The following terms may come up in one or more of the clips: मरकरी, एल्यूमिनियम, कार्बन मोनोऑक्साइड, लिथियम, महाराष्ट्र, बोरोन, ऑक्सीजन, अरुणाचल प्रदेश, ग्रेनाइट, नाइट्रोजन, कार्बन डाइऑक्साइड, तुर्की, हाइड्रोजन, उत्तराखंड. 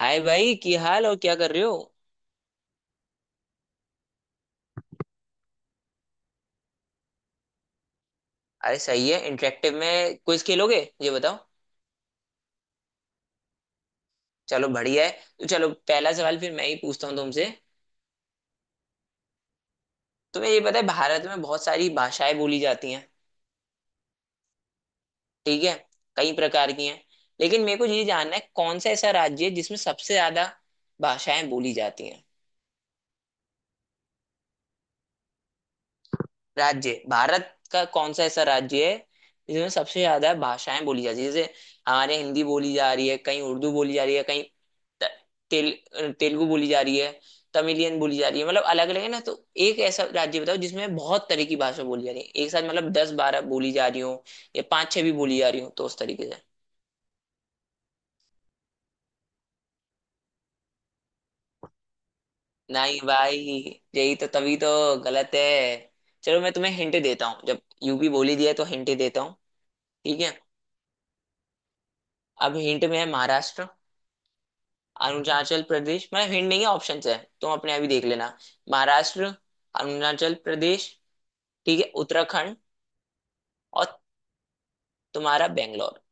हाय भाई, क्या हाल और क्या कर रहे हो। अरे सही है, इंटरेक्टिव में क्विज खेलोगे? ये बताओ। चलो बढ़िया है। तो चलो पहला सवाल फिर मैं ही पूछता हूँ तुमसे। तुम्हें ये पता है भारत में बहुत सारी भाषाएं बोली जाती हैं। ठीक है, कई प्रकार की हैं। लेकिन मेरे को ये जानना है कौन सा ऐसा राज्य है जिसमें सबसे ज्यादा भाषाएं बोली जाती हैं। राज्य भारत का कौन सा ऐसा राज्य है जिसमें सबसे ज्यादा भाषाएं बोली जाती है, जैसे हमारे हिंदी बोली जा रही है, कहीं उर्दू बोली जा रही है, कहीं त- तेलुगु बोली जा रही है, तमिलियन बोली जा रही है। मतलब अलग अलग है ना, तो एक ऐसा राज्य बताओ जिसमें बहुत तरह की भाषा बोली जा रही है एक साथ, मतलब दस बारह बोली जा रही हो या पांच छह भी बोली जा रही हो, तो उस तरीके से। नहीं भाई, यही तो, तभी तो गलत है। चलो मैं तुम्हें हिंट देता हूँ। जब यूपी बोली दिया है, तो हिंट देता हूँ। ठीक है, अब हिंट में है महाराष्ट्र, अरुणाचल प्रदेश। मतलब हिंट नहीं है, ऑप्शंस है, तुम अपने आप ही देख लेना। महाराष्ट्र, अरुणाचल प्रदेश, ठीक है, उत्तराखंड, और तुम्हारा बेंगलोर।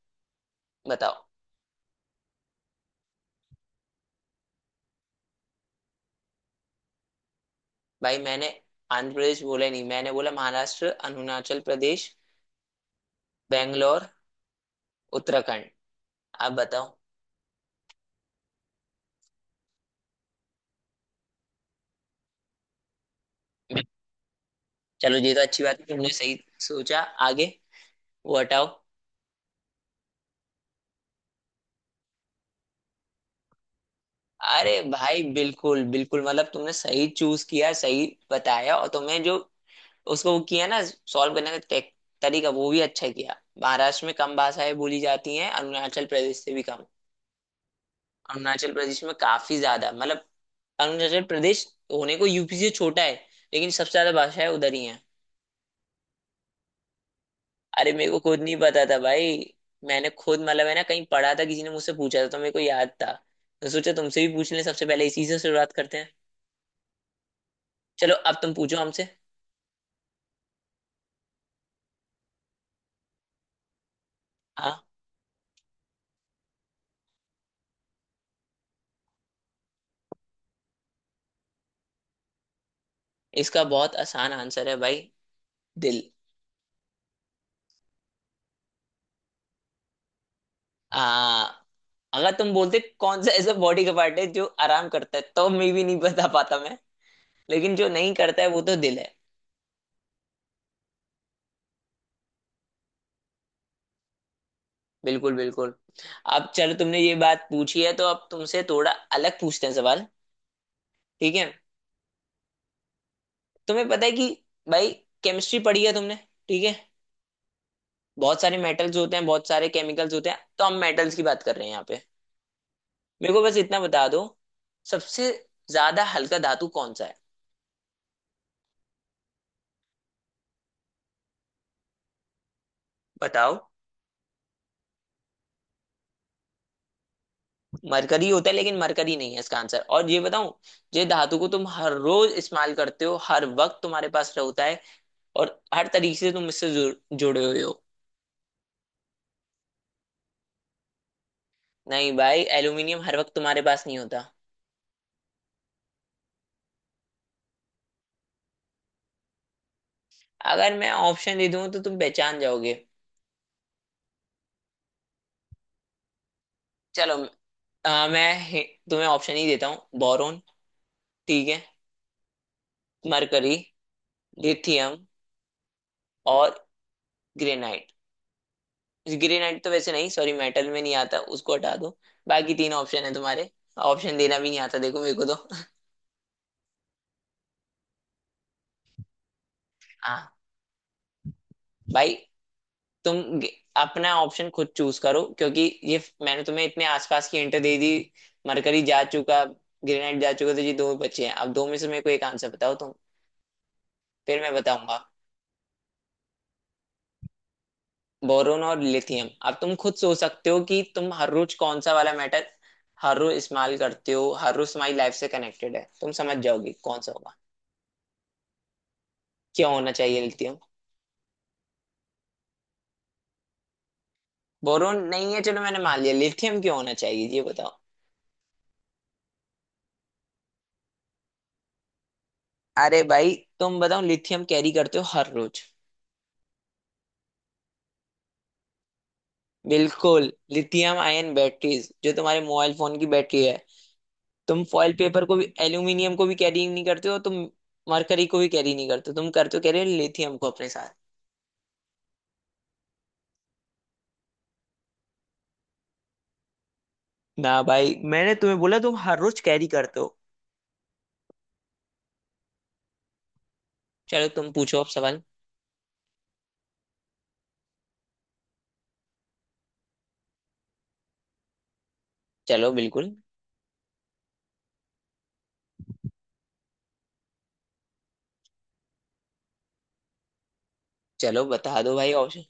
बताओ। भाई मैंने आंध्र प्रदेश बोला ही नहीं, मैंने बोला महाराष्ट्र, अरुणाचल प्रदेश, बेंगलोर, उत्तराखंड। आप बताओ। चलो, ये तो अच्छी बात है, तुमने सही सोचा। आगे वो हटाओ। अरे भाई बिल्कुल बिल्कुल, मतलब तुमने सही चूज किया, सही बताया। और तुम्हें जो उसको वो किया ना, सॉल्व करने का टेक, तरीका वो भी अच्छा किया। महाराष्ट्र में कम भाषाएं बोली जाती हैं अरुणाचल प्रदेश से भी कम। अरुणाचल प्रदेश में काफी ज्यादा, मतलब अरुणाचल प्रदेश होने को यूपी से छोटा है, लेकिन सबसे ज्यादा भाषाएं उधर ही हैं। अरे मेरे को खुद नहीं पता था भाई, मैंने खुद, मतलब है ना, कहीं पढ़ा था, किसी ने मुझसे पूछा था तो मेरे को याद था। तो सोचा तुमसे भी पूछ लें, सबसे पहले इसी से शुरुआत करते हैं। चलो अब तुम पूछो हमसे। हाँ। इसका बहुत आसान आंसर है भाई, दिल। आ अगर तुम बोलते कौन सा ऐसा बॉडी का पार्ट है जो आराम करता है, तो मे भी नहीं बता पाता मैं। लेकिन जो नहीं करता है वो तो दिल है। बिल्कुल बिल्कुल। अब चलो, तुमने ये बात पूछी है, तो अब तुमसे थोड़ा अलग पूछते हैं सवाल। ठीक है, तुम्हें पता है कि, भाई, केमिस्ट्री पढ़ी है तुमने? ठीक है, बहुत सारे मेटल्स होते हैं, बहुत सारे केमिकल्स होते हैं, तो हम मेटल्स की बात कर रहे हैं यहाँ पे। मेरे को बस इतना बता दो, सबसे ज्यादा हल्का धातु कौन सा है? बताओ। मरकरी होता है, लेकिन मरकरी नहीं है इसका आंसर। और ये बताऊं, ये धातु को तुम हर रोज इस्तेमाल करते हो, हर वक्त तुम्हारे पास होता है, और हर तरीके से तुम इससे जुड़े हुए हो। नहीं भाई, एल्यूमिनियम हर वक्त तुम्हारे पास नहीं होता। अगर मैं ऑप्शन दे दूं तो तुम पहचान जाओगे। चलो, अ, मैं हि- तुम्हें ऑप्शन ही देता हूँ। बोरोन, ठीक है, मरकरी, लिथियम, और ग्रेनाइट। ग्रेनाइट तो वैसे नहीं, सॉरी, मेटल में नहीं आता, उसको हटा दो। बाकी तीन ऑप्शन है तुम्हारे। ऑप्शन देना भी नहीं आता देखो मेरे को तो। हाँ भाई, तुम गे- अपना ऑप्शन खुद चूज करो, क्योंकि मैंने तुम्हें इतने आसपास की हिंट दे दी। मरकरी जा चुका, ग्रेनाइट जा चुका, तो ये दो बचे हैं। अब दो में से मेरे को एक आंसर बताओ तुम, फिर मैं बताऊंगा। बोरोन और लिथियम। अब तुम खुद सोच सकते हो कि तुम हर रोज कौन सा वाला मेटल हर रोज इस्तेमाल करते हो, हर रोज तुम्हारी लाइफ से कनेक्टेड है, तुम समझ जाओगे कौन सा होगा। क्यों होना चाहिए लिथियम? बोरोन नहीं है चलो मैंने मान लिया, लिथियम क्यों होना चाहिए ये बताओ। अरे भाई, तुम बताओ लिथियम कैरी करते हो हर रोज? बिल्कुल, लिथियम आयन बैटरीज, जो तुम्हारे मोबाइल फोन की बैटरी है। तुम फॉइल पेपर को भी, एल्यूमिनियम को भी कैरी नहीं करते हो तुम। मरकरी को भी कैरी नहीं करते हो तुम। करते हो कैरी लिथियम को अपने साथ। ना भाई, मैंने तुम्हें बोला तुम हर रोज कैरी करते हो। चलो तुम पूछो अब सवाल। चलो बिल्कुल। चलो बता दो भाई ऑप्शन।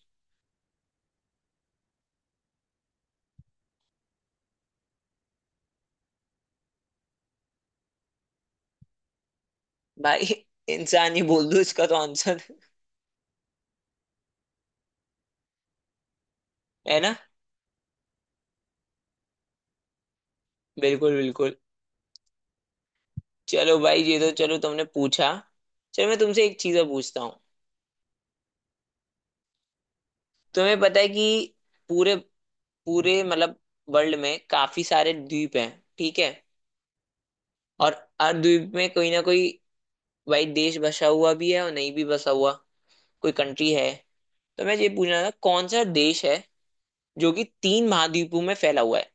भाई, इंसान ही बोल दो इसका तो आंसर, है ना। बिल्कुल बिल्कुल। चलो भाई, ये तो चलो तुमने पूछा। चलो मैं तुमसे एक चीज और पूछता हूँ। तुम्हें पता है कि, पूरे पूरे मतलब वर्ल्ड में काफी सारे द्वीप हैं। ठीक है, और हर द्वीप में कोई ना कोई, भाई, देश बसा हुआ भी है और नहीं भी बसा हुआ, कोई कंट्री है। तो मैं ये पूछना था कौन सा देश है जो कि तीन महाद्वीपों में फैला हुआ है,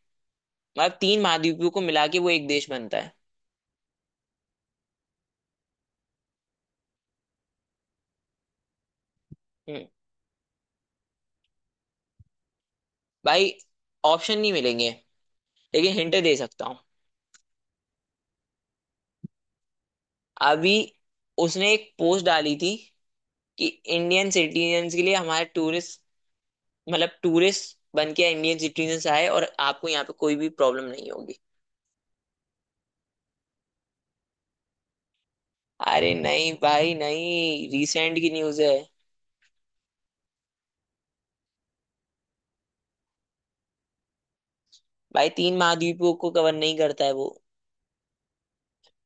मतलब तीन महाद्वीपों को मिला के वो एक देश बनता है। हम्म। भाई ऑप्शन नहीं मिलेंगे, लेकिन हिंट दे सकता हूँ। अभी उसने एक पोस्ट डाली थी कि इंडियन सिटीजन्स के लिए हमारे टूरिस्ट, मतलब टूरिस्ट बन के इंडियन सिटीजन आए और आपको यहाँ पे कोई भी प्रॉब्लम नहीं होगी। अरे नहीं भाई नहीं, रिसेंट की न्यूज है। भाई तीन महाद्वीपों को कवर नहीं करता है वो।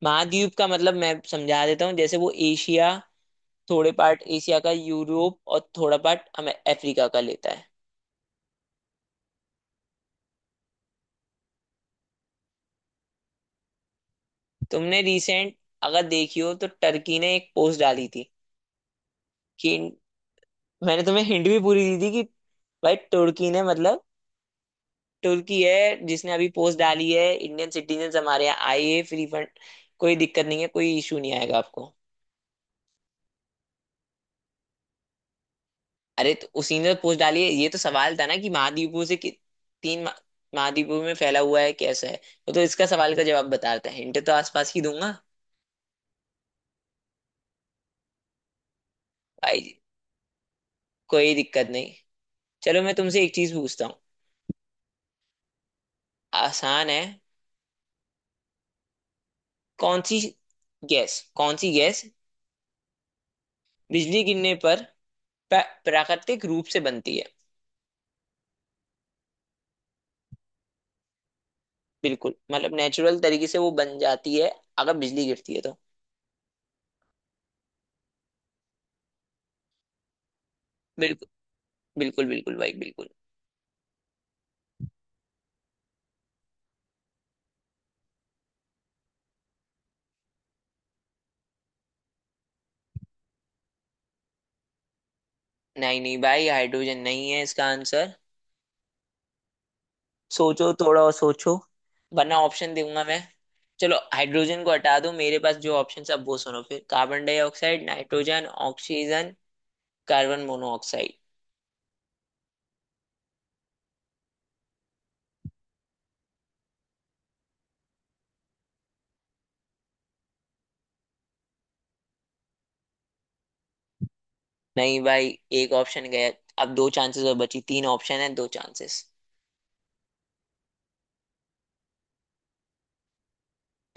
महाद्वीप का मतलब मैं समझा देता हूँ, जैसे वो एशिया, थोड़े पार्ट एशिया का, यूरोप, और थोड़ा पार्ट हमें अफ्रीका का लेता है। तुमने रिसेंट अगर देखी हो तो टर्की ने एक पोस्ट डाली थी, कि मैंने तुम्हें हिंट भी पूरी दी थी, कि भाई तुर्की ने, मतलब तुर्की है जिसने अभी पोस्ट डाली है, इंडियन सिटीजन हमारे यहाँ आइए फ्री फंड, कोई दिक्कत नहीं है, कोई इशू नहीं आएगा आपको। अरे तो उसी ने पोस्ट डाली है, ये तो सवाल था ना कि महाद्वीपों से, कि तीन महा- महाद्वीपों में फैला हुआ है कैसा है, वो तो इसका सवाल का जवाब बताता है, हिंट तो आसपास की दूंगा। भाई कोई दिक्कत नहीं। चलो मैं तुमसे एक चीज पूछता हूँ। आसान है। कौन सी गैस, कौन सी गैस बिजली गिरने पर प्राकृतिक रूप से बनती है? बिल्कुल, मतलब नेचुरल तरीके से वो बन जाती है अगर बिजली गिरती है तो। बिल्कुल बिल्कुल बिल्कुल भाई बिल्कुल। नहीं नहीं भाई, हाइड्रोजन नहीं है इसका आंसर। सोचो, थोड़ा और सोचो, वरना ऑप्शन दूंगा मैं। चलो हाइड्रोजन को हटा दो, मेरे पास जो ऑप्शन है अब वो सुनो फिर। कार्बन डाइऑक्साइड, नाइट्रोजन, ऑक्सीजन, कार्बन मोनोऑक्साइड। नहीं भाई, एक ऑप्शन गया। अब दो चांसेस और बची, तीन ऑप्शन है, दो चांसेस।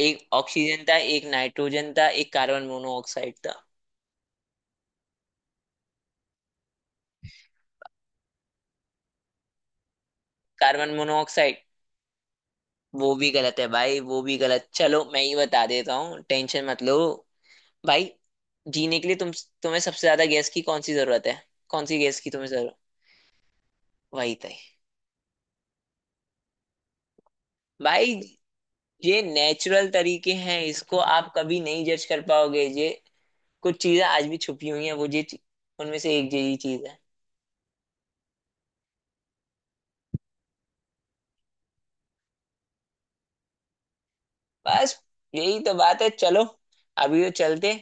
एक ऑक्सीजन था, एक नाइट्रोजन था, एक कार्बन मोनोऑक्साइड था। कार्बन मोनोऑक्साइड वो भी गलत है भाई, वो भी गलत। चलो मैं ही बता देता हूँ, टेंशन मत लो। भाई, जीने के लिए तुम, तुम्हें सबसे ज्यादा गैस की कौन सी जरूरत है? कौन सी गैस की तुम्हें जरूरत? वही तय। भाई, ये नेचुरल तरीके हैं, इसको आप कभी नहीं जज कर पाओगे ये। कुछ चीजें आज भी छुपी हुई हैं, वो उनमें से एक यही चीज है। बस, यही तो बात है। चलो अभी तो चलते,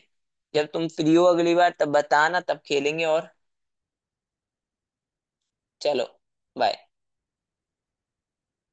जब तुम फ्री हो अगली बार तब बताना, तब खेलेंगे और। चलो बाय।